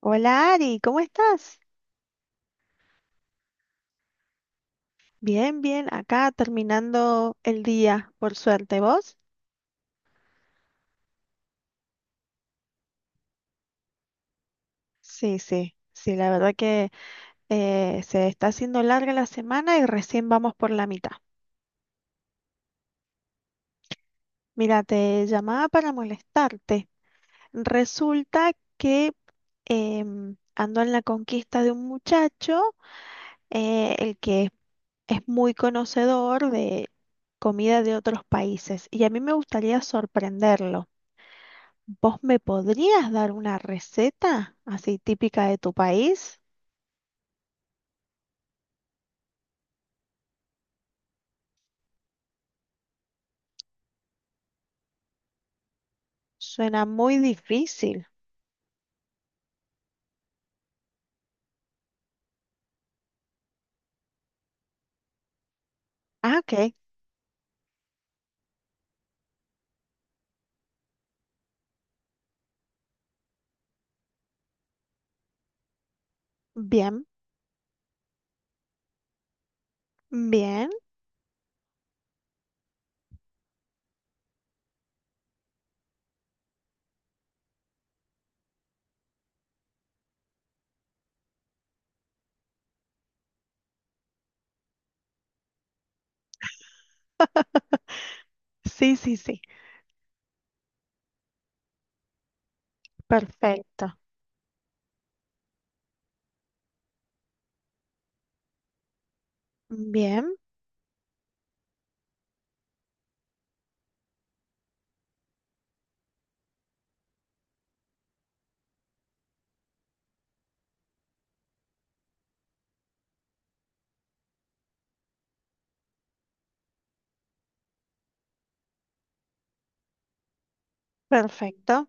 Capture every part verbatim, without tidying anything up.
Hola Ari, ¿cómo estás? Bien, bien, acá terminando el día, por suerte. ¿Vos? Sí, sí, sí, la verdad que eh, se está haciendo larga la semana y recién vamos por la mitad. Mira, te llamaba para molestarte. Resulta que em, ando en la conquista de un muchacho, eh, el que es muy conocedor de comida de otros países y a mí me gustaría sorprenderlo. ¿Vos me podrías dar una receta así típica de tu país? Suena muy difícil. Ah, ok. Bien, bien. Sí, sí, sí. Perfecto. Bien, perfecto.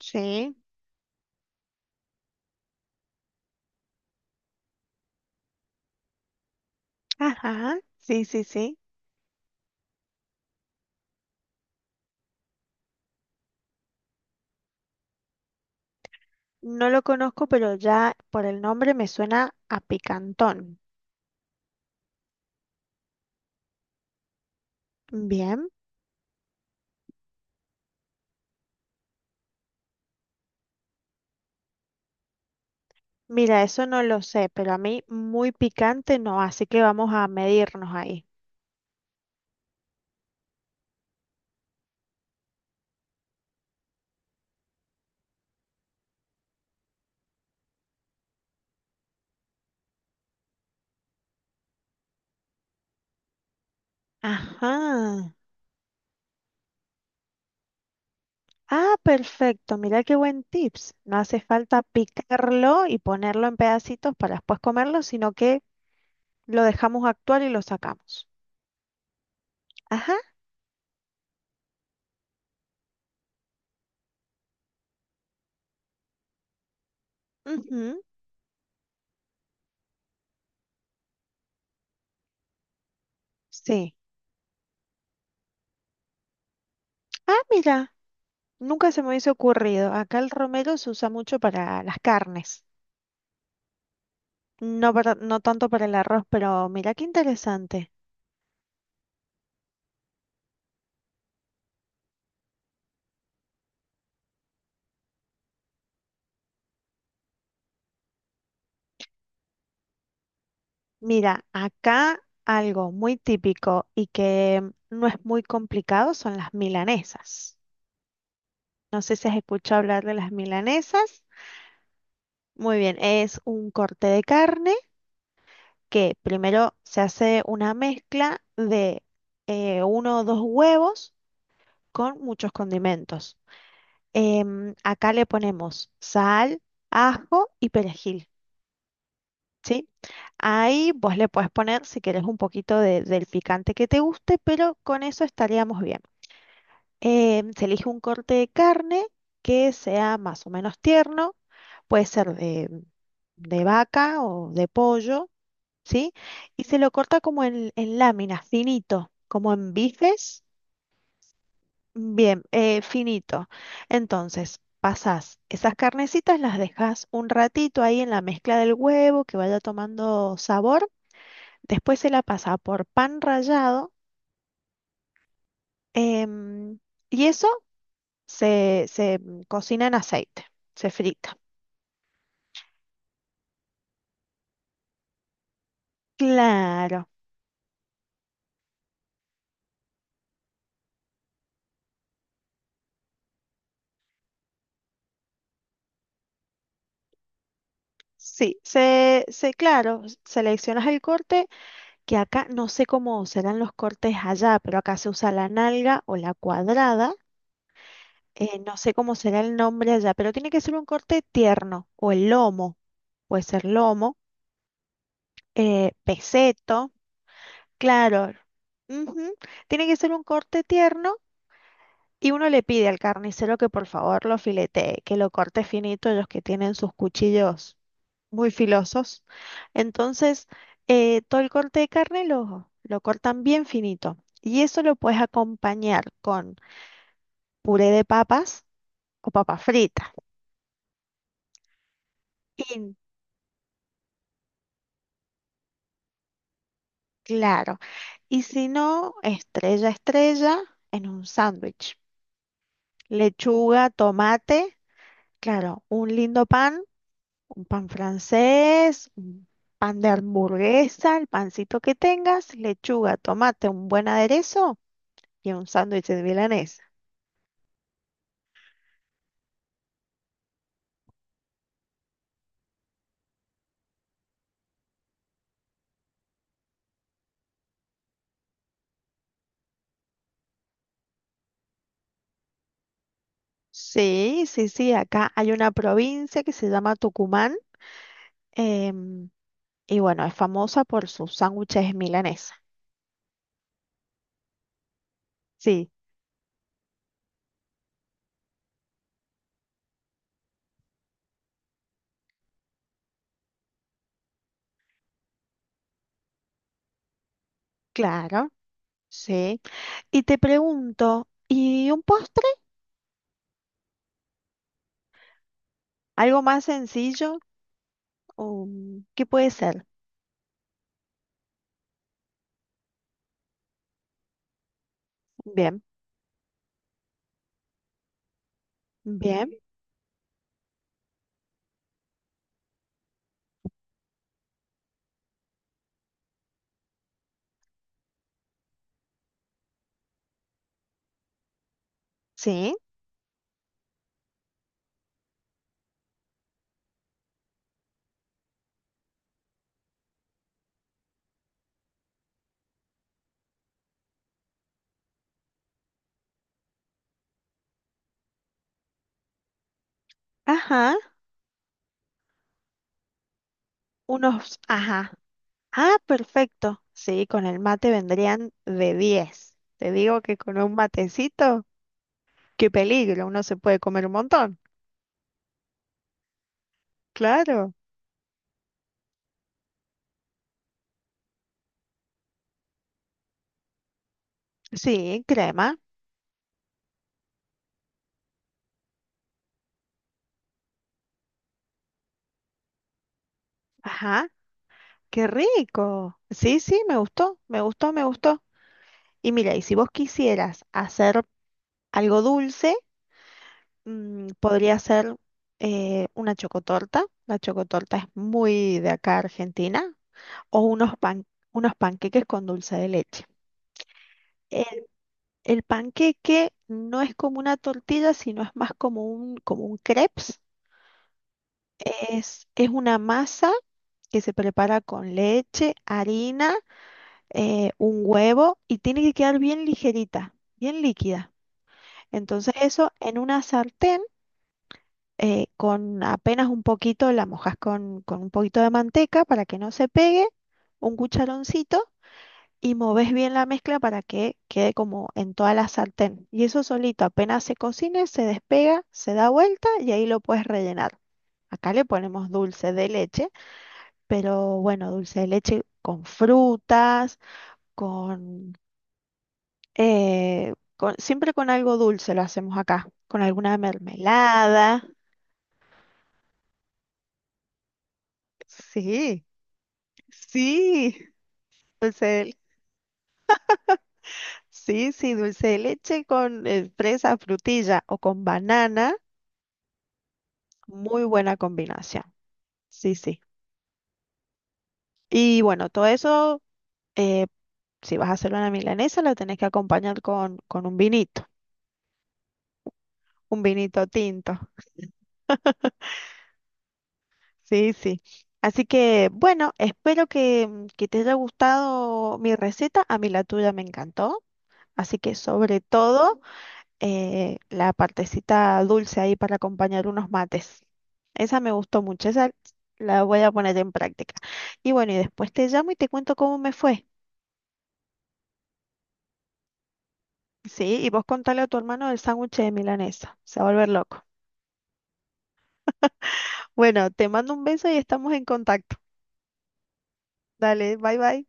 Sí. Ajá. Sí, sí, sí. No lo conozco, pero ya por el nombre me suena a picantón. Bien. Mira, eso no lo sé, pero a mí muy picante no, así que vamos a medirnos ahí. Ajá. Ah, perfecto. Mira qué buen tips. No hace falta picarlo y ponerlo en pedacitos para después comerlo, sino que lo dejamos actuar y lo sacamos. Ajá. Ujú. Sí. Ah, mira. Nunca se me hubiese ocurrido. Acá el romero se usa mucho para las carnes. No para- no tanto para el arroz, pero mira qué interesante. Mira, acá algo muy típico y que no es muy complicado son las milanesas. No sé si has escuchado hablar de las milanesas. Muy bien, es un corte de carne que primero se hace una mezcla de eh, uno o dos huevos con muchos condimentos. Em, acá le ponemos sal, ajo y perejil, ¿sí? Ahí vos le puedes poner, si querés, un poquito de- del picante que te guste, pero con eso estaríamos bien. Em, se elige un corte de carne que sea más o menos tierno, puede ser de de vaca o de pollo, ¿sí? Y se lo corta como en, en láminas, finito, como en bifes, bien, eh, finito. Entonces, pasás esas carnecitas, las dejas un ratito ahí en la mezcla del huevo, que vaya tomando sabor. Después se la pasa por pan rallado em, y eso se, se mm, cocina en aceite, se frita. Claro. Sí, se, se, claro, seleccionas el corte, que acá no sé cómo serán los cortes allá, pero acá se usa la nalga o la cuadrada. eh, no sé cómo será el nombre allá, pero tiene que ser un corte tierno o el lomo, puede ser lomo, eh, peseto, claro. Ujú. Tiene que ser un corte tierno y uno le pide al carnicero que por favor lo filetee, que lo corte finito, ellos que tienen sus cuchillos muy filosos. Entonces, eh, todo el corte de carne lo, lo cortan bien finito y eso lo puedes acompañar con puré de papas o papas fritas. Y, claro, y si no, estrella, estrella en un sándwich. Lechuga, tomate, claro, un lindo pan, un pan francés, un pan de hamburguesa, el pancito que tengas, lechuga, tomate, un buen aderezo y un sándwich de milanesa. Sí, sí, sí, acá hay una provincia que se llama Tucumán, em, y bueno, es famosa por sus sándwiches milanesa. Sí, claro, sí. Y te pregunto, ¿y un postre? ¿Algo más sencillo? Um, ¿qué puede ser? Bien, bien, sí, ajá, unos, ajá, ah, perfecto. Sí, con el mate vendrían de diez. Te digo que con un matecito, qué peligro, uno se puede comer un montón. Claro. Sí, en crema. Ajá, qué rico. Sí, sí, me gustó, me gustó, me gustó. Y mira, y si vos quisieras hacer algo dulce, mm, podría ser eh, una chocotorta. La chocotorta es muy de acá Argentina. O unos pan, unos panqueques con dulce de leche. El, el panqueque no es como una tortilla, sino es más como un, como un crepes. Es, es una masa que se prepara con leche, harina, eh, un huevo y tiene que quedar bien ligerita, bien líquida. Entonces eso en una sartén, eh, con apenas un poquito, la mojas con, con un poquito de manteca para que no se pegue, un cucharoncito y moves bien la mezcla para que quede como en toda la sartén. Y eso solito, apenas se cocine, se despega, se da vuelta y ahí lo puedes rellenar. Acá le ponemos dulce de leche, pero bueno, dulce de leche con frutas, con eh, con- siempre con algo dulce lo hacemos acá, con alguna mermelada. Sí, sí, dulce de, sí, sí, dulce de leche con eh, fresa, frutilla o con banana. Muy buena combinación. Sí, sí. Y bueno, todo eso, eh, si vas a hacer una milanesa, la tenés que acompañar con, con un vinito, un vinito tinto. Sí, sí. Así que bueno, espero que, que te haya gustado mi receta. A mí la tuya me encantó. Así que sobre todo eh, la partecita dulce ahí para acompañar unos mates. Esa me gustó mucho, esa la voy a poner en práctica. Y bueno, y después te llamo y te cuento cómo me fue. Sí, y vos contale a tu hermano el sándwich de milanesa. Se va a volver loco. Bueno, te mando un beso y estamos en contacto. Dale, bye bye.